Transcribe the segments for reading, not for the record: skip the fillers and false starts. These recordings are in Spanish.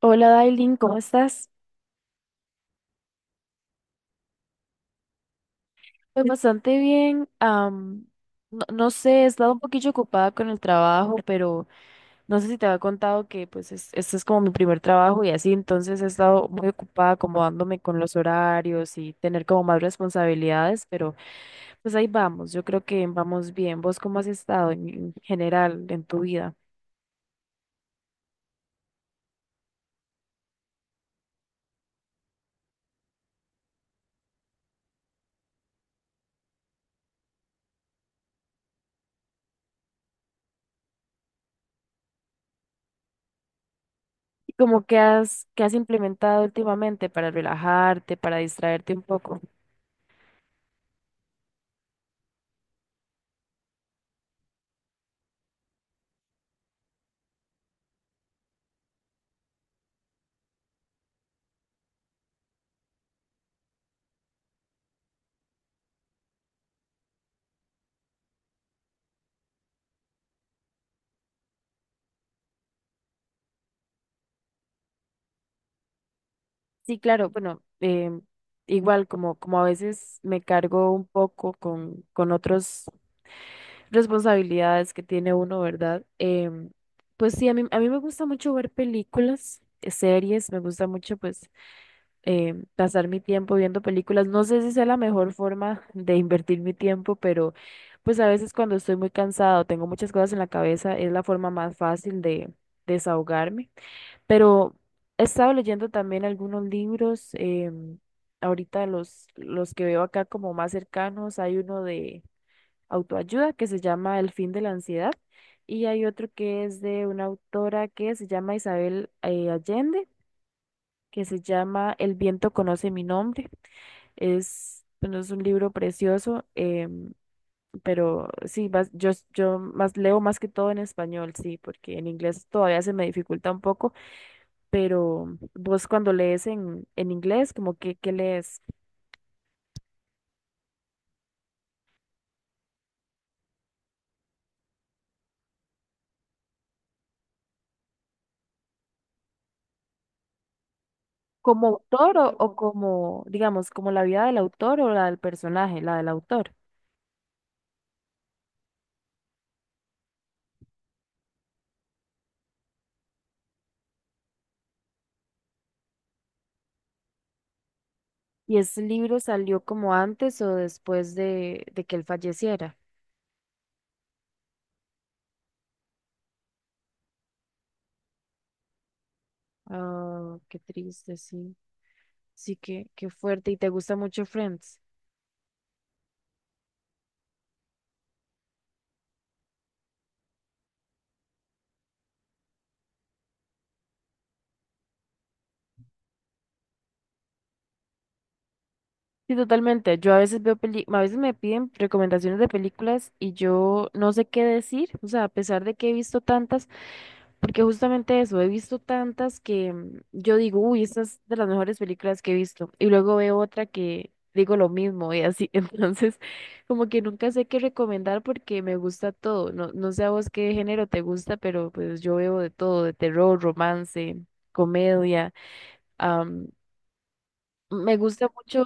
Hola Dailin, ¿cómo estás? Pues bastante bien. No sé, he estado un poquillo ocupada con el trabajo, pero no sé si te había contado que pues este es como mi primer trabajo y así, entonces he estado muy ocupada acomodándome con los horarios y tener como más responsabilidades, pero pues ahí vamos, yo creo que vamos bien. ¿Vos cómo has estado en general en tu vida? ¿Y como que has implementado últimamente para relajarte, para distraerte un poco? Sí, claro, bueno, igual como, como a veces me cargo un poco con otras responsabilidades que tiene uno, ¿verdad? Pues sí, a mí me gusta mucho ver películas, series, me gusta mucho pues pasar mi tiempo viendo películas. No sé si sea la mejor forma de invertir mi tiempo, pero pues a veces cuando estoy muy cansado, tengo muchas cosas en la cabeza, es la forma más fácil de desahogarme. Pero he estado leyendo también algunos libros. Ahorita los que veo acá como más cercanos, hay uno de autoayuda que se llama El fin de la ansiedad y hay otro que es de una autora que se llama Isabel Allende, que se llama El viento conoce mi nombre. Es, bueno, es un libro precioso, pero sí, yo más leo más que todo en español, sí, porque en inglés todavía se me dificulta un poco, pero vos cuando lees en inglés, como que, ¿qué lees? ¿Como autor o como, digamos, como la vida del autor o la del personaje, la del autor? ¿Y ese libro salió como antes o después de que él falleciera? Ah, qué triste, sí. Sí, qué, qué fuerte. ¿Y te gusta mucho Friends? Sí, totalmente. Yo a veces veo peli, a veces me piden recomendaciones de películas y yo no sé qué decir, o sea, a pesar de que he visto tantas, porque justamente eso, he visto tantas que yo digo, uy, esta es de las mejores películas que he visto, y luego veo otra que digo lo mismo y así, entonces como que nunca sé qué recomendar porque me gusta todo, no, no sé a vos qué género te gusta, pero pues yo veo de todo, de terror, romance, comedia, am, me gusta mucho.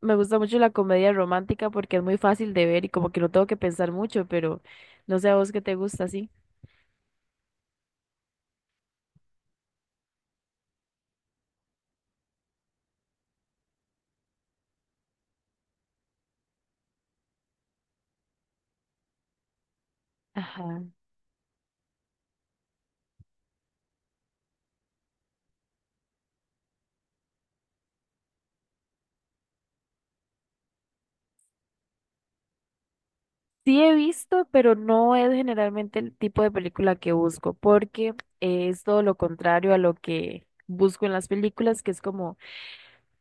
Me gusta mucho la comedia romántica porque es muy fácil de ver y como que no tengo que pensar mucho, pero no sé a vos qué te gusta así. Ajá. Sí he visto, pero no es generalmente el tipo de película que busco, porque es todo lo contrario a lo que busco en las películas, que es como,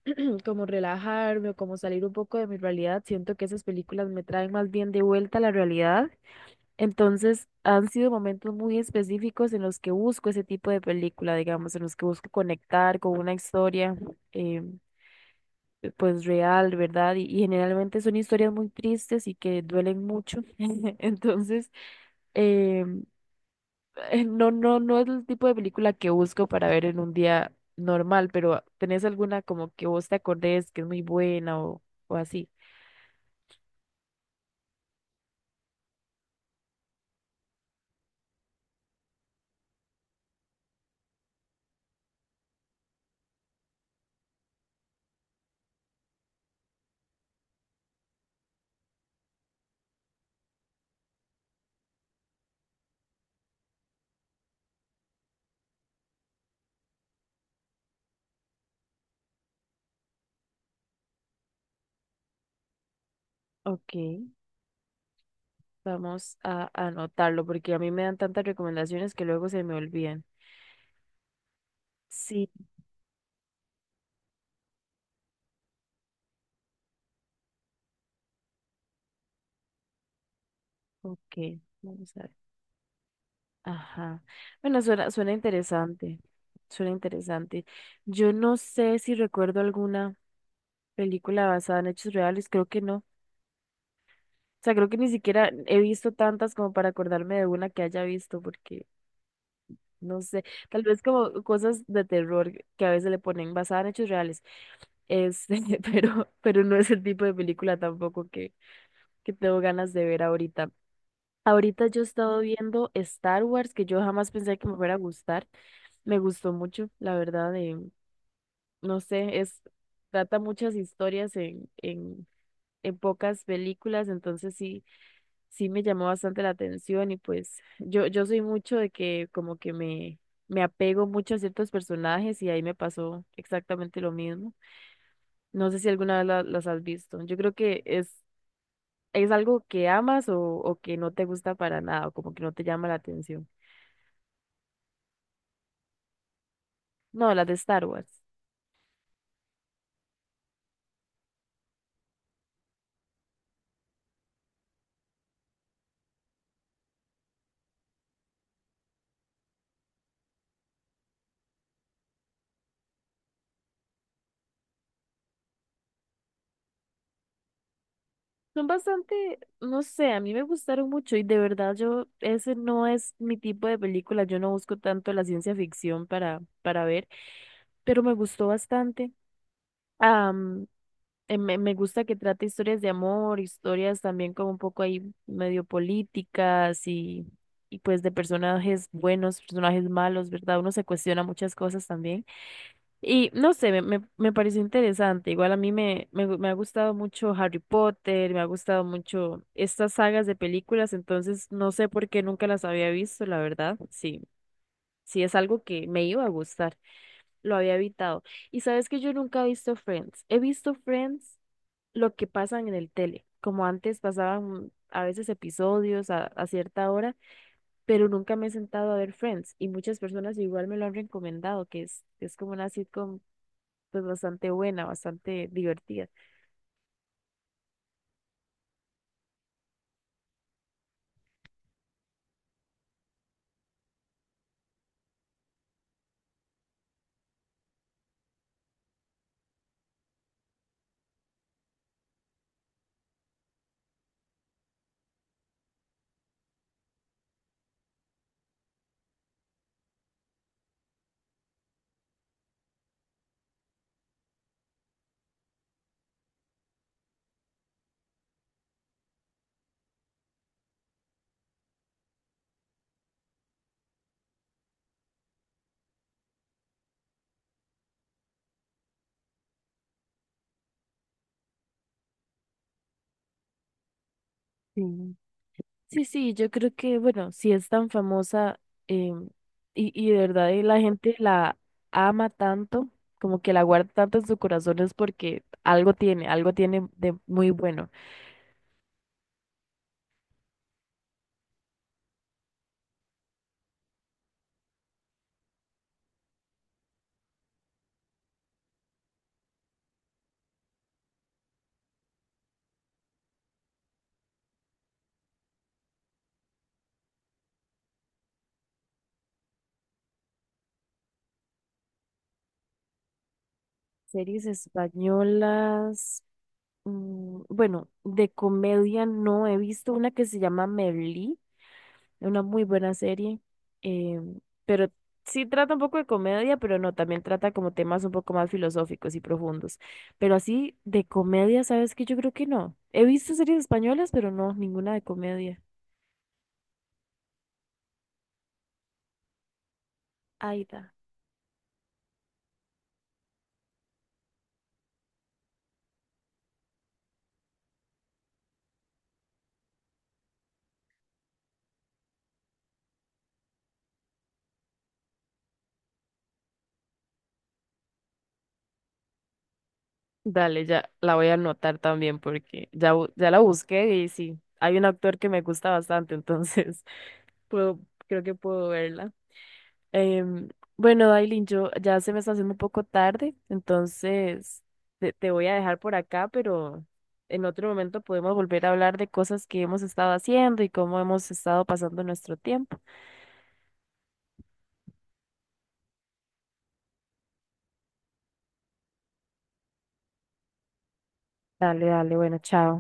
como relajarme o como salir un poco de mi realidad. Siento que esas películas me traen más bien de vuelta a la realidad. Entonces, han sido momentos muy específicos en los que busco ese tipo de película, digamos, en los que busco conectar con una historia, eh, pues real, ¿verdad? Y generalmente son historias muy tristes y que duelen mucho. Entonces, eh, no, no, no es el tipo de película que busco para ver en un día normal, pero ¿tenés alguna como que vos te acordés que es muy buena o así? Ok, vamos a anotarlo porque a mí me dan tantas recomendaciones que luego se me olvidan. Sí, ok, vamos a ver. Ajá. Bueno, suena, suena interesante, suena interesante. Yo no sé si recuerdo alguna película basada en hechos reales, creo que no. O sea, creo que ni siquiera he visto tantas como para acordarme de una que haya visto, porque no sé, tal vez como cosas de terror que a veces le ponen basada en hechos reales. Este, pero no es el tipo de película tampoco que, que tengo ganas de ver ahorita. Ahorita yo he estado viendo Star Wars, que yo jamás pensé que me fuera a gustar. Me gustó mucho, la verdad, no sé, es, trata muchas historias en pocas películas, entonces sí, sí me llamó bastante la atención y pues yo soy mucho de que como que me apego mucho a ciertos personajes y ahí me pasó exactamente lo mismo. No sé si alguna vez las has visto. Yo creo que es algo que amas o que no te gusta para nada, o como que no te llama la atención. No, las de Star Wars. Son bastante, no sé, a mí me gustaron mucho y de verdad yo, ese no es mi tipo de película, yo no busco tanto la ciencia ficción para ver, pero me gustó bastante. Am, me gusta que trate historias de amor, historias también como un poco ahí medio políticas y pues de personajes buenos, personajes malos, ¿verdad? Uno se cuestiona muchas cosas también. Y no sé, me pareció interesante. Igual a mí me, me, me ha gustado mucho Harry Potter, me ha gustado mucho estas sagas de películas, entonces no sé por qué nunca las había visto, la verdad. Sí, sí es algo que me iba a gustar, lo había evitado. Y sabes que yo nunca he visto Friends. He visto Friends lo que pasan en el tele, como antes pasaban a veces episodios a cierta hora, pero nunca me he sentado a ver Friends. Y muchas personas igual me lo han recomendado, que es como una sitcom pues bastante buena, bastante divertida. Sí. Sí, sí, yo creo que, bueno, si es tan famosa, em, y de verdad la gente la ama tanto, como que la guarda tanto en su corazón es porque algo tiene de muy bueno. Series españolas, mm, bueno, de comedia no he visto una que se llama Merlí, una muy buena serie, eh, pero sí trata un poco de comedia, pero no, también trata como temas un poco más filosóficos y profundos. Pero así de comedia, ¿sabes qué? Yo creo que no. He visto series españolas, pero no, ninguna de comedia. Aida. Dale, ya la voy a anotar también porque ya, ya la busqué y sí, hay un actor que me gusta bastante, entonces puedo, creo que puedo verla. Em, bueno, Dailin, yo ya se me está haciendo un poco tarde, entonces te voy a dejar por acá, pero en otro momento podemos volver a hablar de cosas que hemos estado haciendo y cómo hemos estado pasando nuestro tiempo. Dale, dale, bueno, chao.